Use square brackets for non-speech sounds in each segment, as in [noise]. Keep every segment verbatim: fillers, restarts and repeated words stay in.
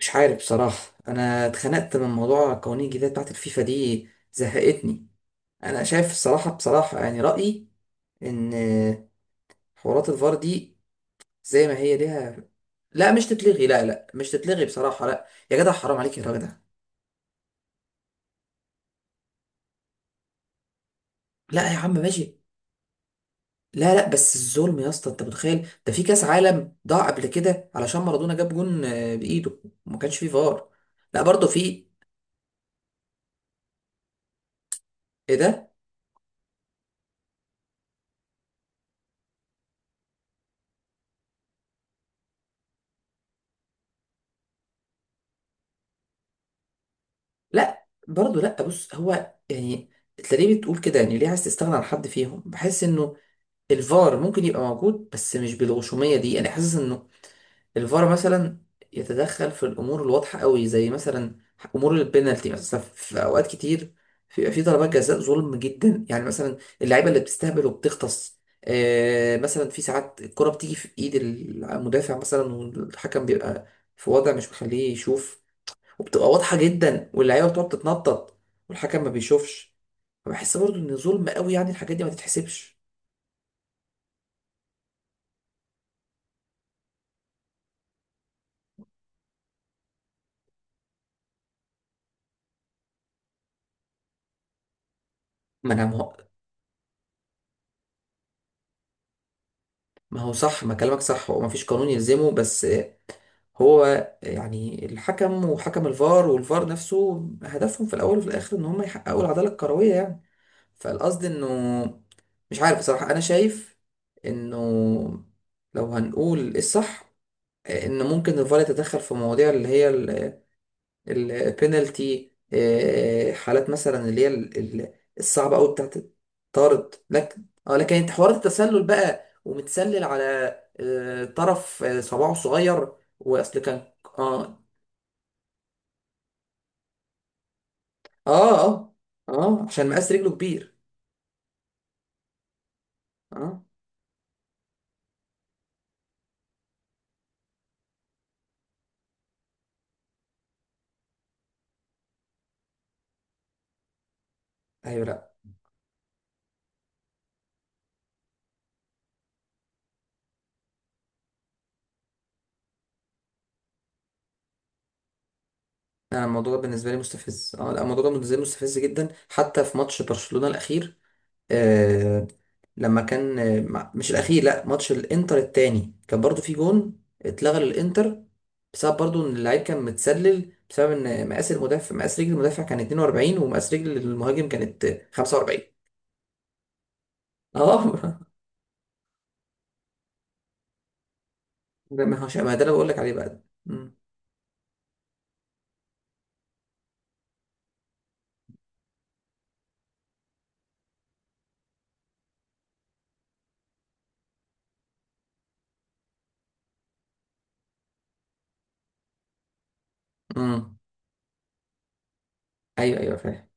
مش عارف بصراحة. أنا اتخنقت من موضوع قوانين الجديدة بتاعت الفيفا دي، زهقتني. أنا شايف الصراحة بصراحة، يعني رأيي إن حوارات الفار دي زي ما هي ليها. لا مش تتلغي، لا لا مش تتلغي بصراحة، لا يا جدع، حرام عليك يا راجل ده. لا يا عم ماشي. لا لا، بس الظلم يا اسطى، أنت متخيل؟ ده في كأس عالم ضاع قبل كده علشان مارادونا جاب جون آه، بإيده، وما كانش فيه فار. لا برضه في. إيه ده؟ لا برضه، لا بص، هو يعني تلاقيه بتقول كده، يعني ليه عايز تستغنى عن حد فيهم؟ بحس انه الفار ممكن يبقى موجود، بس مش بالغشوميه دي، انا حاسس انه الفار مثلا يتدخل في الامور الواضحه قوي، زي مثلا امور البينالتي، مثلا في اوقات كتير بيبقى في ضربات جزاء ظلم جدا، يعني مثلا اللعيبه اللي بتستهبل وبتغطس. آه مثلا في ساعات الكره بتيجي في ايد المدافع، مثلا والحكم بيبقى في وضع مش مخليه يشوف، وبتبقى واضحه جدا واللعيبه بتقعد تتنطط والحكم ما بيشوفش، فبحس برضو ان ظلم قوي، يعني الحاجات دي ما تتحسبش. ما انا مه... ما هو صح، ما كلامك صح، هو ما فيش قانون يلزمه، بس هو يعني الحكم وحكم الفار والفار نفسه هدفهم في الاول وفي الاخر ان هم يحققوا العداله الكرويه يعني، فالقصد انه مش عارف بصراحه، انا شايف انه لو هنقول الصح، ان ممكن الفار يتدخل في مواضيع اللي هي البينالتي، حالات مثلا اللي هي ال- ال- الصعبه قوي بتاعت طارد. لكن اه لكن انت حوارات التسلل بقى، ومتسلل على آه، طرف، آه، صباعه صغير. واصل كان. اه، اه، اه، اه، عشان مقاس رجله كبير. اه، ايوه، لا. انا الموضوع ده بالنسبه لي مستفز، اه لا، الموضوع ده بالنسبه لي مستفز جدا، حتى في ماتش برشلونه الاخير. آه، لما كان آه، مع- مش الاخير، لا ماتش الانتر التاني، كان برضو في جون اتلغى للانتر، بسبب برضو ان اللعيب كان متسلل، بسبب ان مقاس المدافع، مقاس رجل المدافع كان اتنين واربعين، ومقاس رجل المهاجم كانت خمسة واربعين. اه [laughs] ده ما هوش، ما ده اللي بقول لك عليه بقى. مم. مم. ايوه، ايوه، فاهم.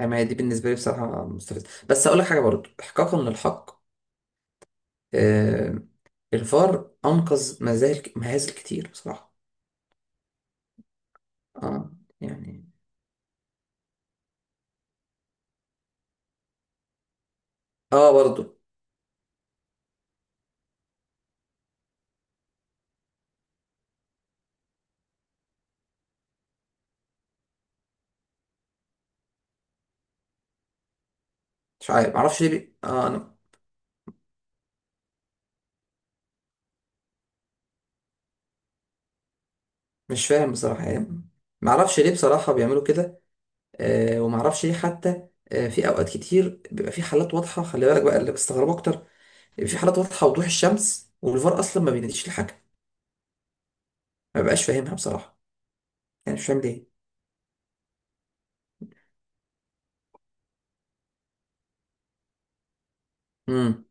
أيوة، ما هي دي بالنسبه لي بصراحه مستفزه، بس اقول لك حاجه برضو احقاقا للحق. آه. الفار انقذ مزاهل مهازل كتير بصراحه. اه. يعني، اه برضو. مش عارف، معرفش ليه بي... آه انا مش فاهم بصراحة يعني، معرفش ليه بصراحة بيعملوا كده. آه ومعرفش ليه، حتى آه في اوقات كتير بيبقى في حالات واضحة، خلي بالك بقى، اللي بستغربه اكتر بيبقى في حالات واضحة وضوح الشمس، والفار اصلا ما بيناديش لحاجة، ما بقاش فاهمها بصراحة، يعني مش فاهم ليه. امم.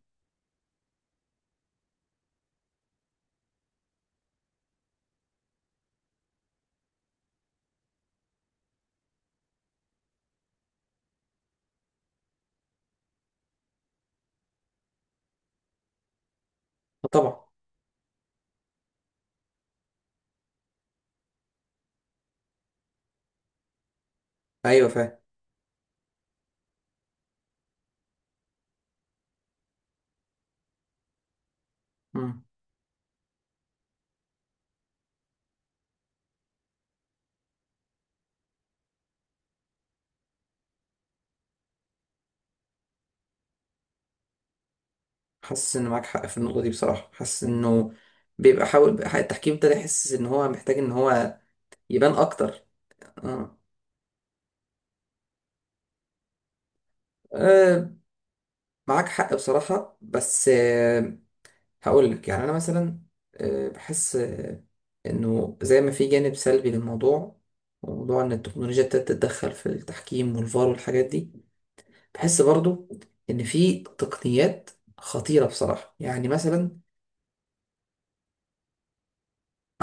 طبعا. ايوه فاهم. امم. حاسس ان معاك حق في النقطة دي بصراحة، حاسس انه بيبقى حاول بقى التحكيم ابتدى يحس ان هو محتاج ان هو يبان اكتر. آه. آه، معاك حق بصراحة، بس آه هقول لك يعني انا مثلا آه، بحس آه، انه زي ما في جانب سلبي للموضوع، وموضوع ان التكنولوجيا ابتدت تتدخل في التحكيم والفار والحاجات دي، بحس برضو ان في تقنيات خطيره بصراحه، يعني مثلا.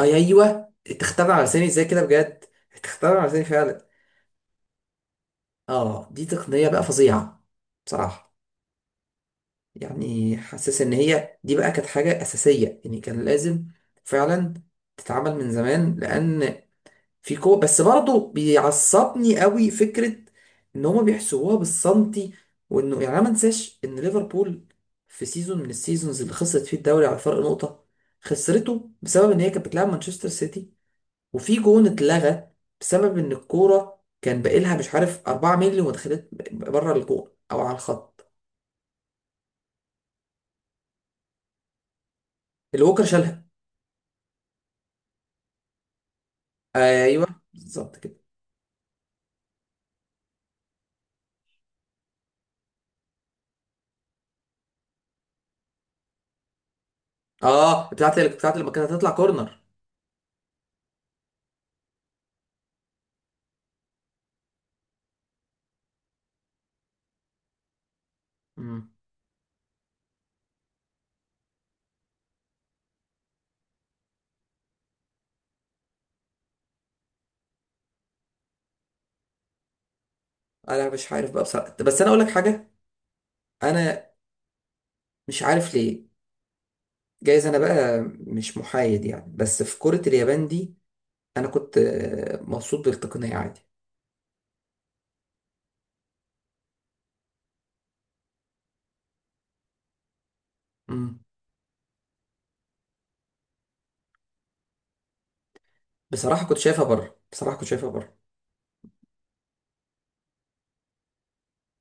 اي، ايوه. تختبر على لساني ازاي كده بجد؟ تختبر على لساني فعلا. اه، دي تقنيه بقى فظيعه بصراحه، يعني حاسس ان هي دي بقى كانت حاجه اساسيه يعني، كان لازم فعلا تتعمل من زمان، لان في كو بس برضه بيعصبني قوي فكرة ان هما بيحسبوها بالسنتي، وانه يعني انا ما انساش ان ليفربول في سيزون من السيزونز اللي خسرت فيه الدوري على فرق نقطة، خسرته بسبب ان هي كانت بتلعب مانشستر سيتي، وفي جون اتلغى بسبب ان الكورة كان باقيلها، مش عارف، اربعة مللي، وما دخلت بره الجون او على الخط. اللي ووكر شالها. ايوه بالظبط كده. اه، بتاعت بتاعت لما كانت هتطلع كورنر. مم. انا مش عارف بقى بصراحة، بس انا اقول لك حاجة، انا مش عارف ليه، جايز انا بقى مش محايد يعني، بس في كرة اليابان دي انا كنت آه، مبسوط بالتقنية عادي. مم. بصراحة كنت شايفها بره، بصراحة كنت شايفها بره.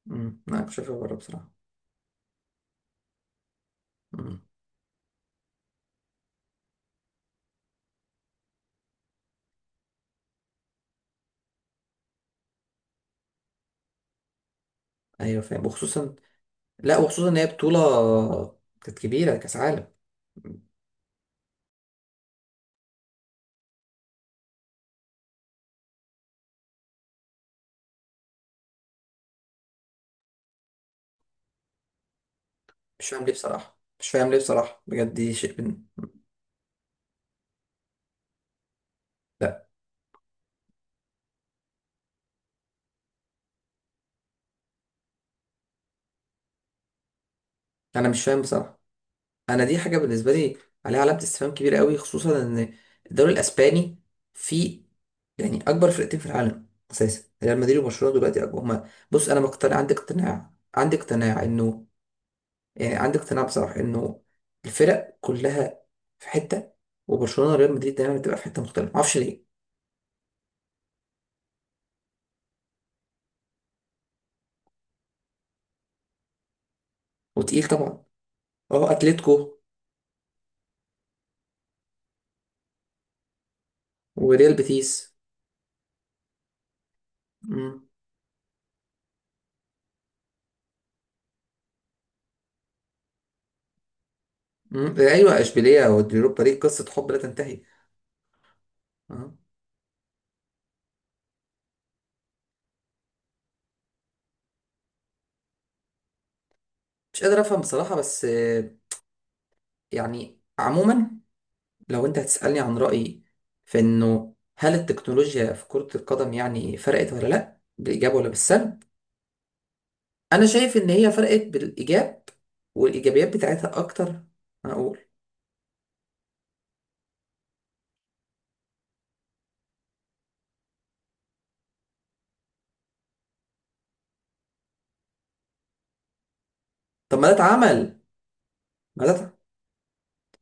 مم. انا كنت شايفها بره بصراحة. مم. ايوه فاهم، وخصوصا، لا وخصوصا ان هي بطولة كانت كبيرة، كاس عالم. مم. مش فاهم ليه بصراحة، مش فاهم ليه بصراحة بجد، دي شيء من... لا انا مش فاهم بصراحة، انا دي حاجه بالنسبه لي عليها علامه استفهام كبيره قوي، خصوصا ان الدوري الاسباني فيه يعني اكبر فرقتين في العالم اساسا، ريال مدريد وبرشلونه دلوقتي، أكبر هما، بص انا مقتنع، عندي اقتناع، عندي اقتناع انه يعني عندي اقتناع بصراحه انه الفرق كلها في حته، وبرشلونه وريال مدريد دايما بتبقى في حته مختلفه، معرفش ليه. وتقيل طبعا. اه، اتلتيكو. وريال بيتيس. مم. مم. ايوه، اشبيليه واليوروبا ليج قصه حب لا تنتهي. آه. مش قادر افهم بصراحه، بس يعني عموما، لو انت هتسألني عن رأيي في انه هل التكنولوجيا في كرة القدم يعني فرقت ولا لا، بالإيجاب ولا بالسلب؟ انا شايف ان هي فرقت بالإيجاب، والإيجابيات بتاعتها اكتر. انا اقول. طب ما ده اتعمل، ما ده اتع-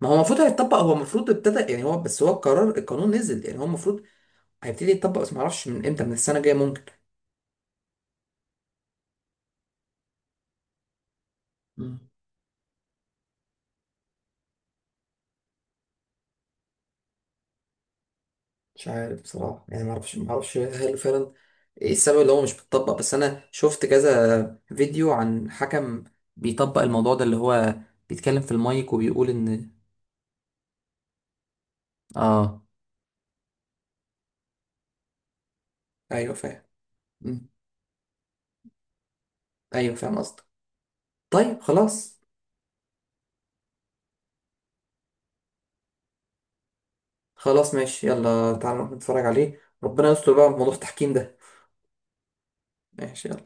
ما هو المفروض هيتطبق، هو المفروض ابتدى يعني، هو بس هو القرار، القانون نزل يعني، هو المفروض هيبتدي يتطبق، بس ما اعرفش من امتى، من السنة الجاية ممكن. مش عارف بصراحة يعني، معرفش معرفش هل فعلا ايه السبب اللي هو مش بيطبق؟ بس انا شفت كذا فيديو عن حكم بيطبق الموضوع ده، اللي هو بيتكلم في المايك وبيقول ان... اه. ايوه فاهم. مم. ايوه فاهم قصدك. طيب خلاص. خلاص ماشي، يلا تعالى نروح نتفرج عليه، ربنا يستر بقى في موضوع التحكيم ده. ماشي، يلا.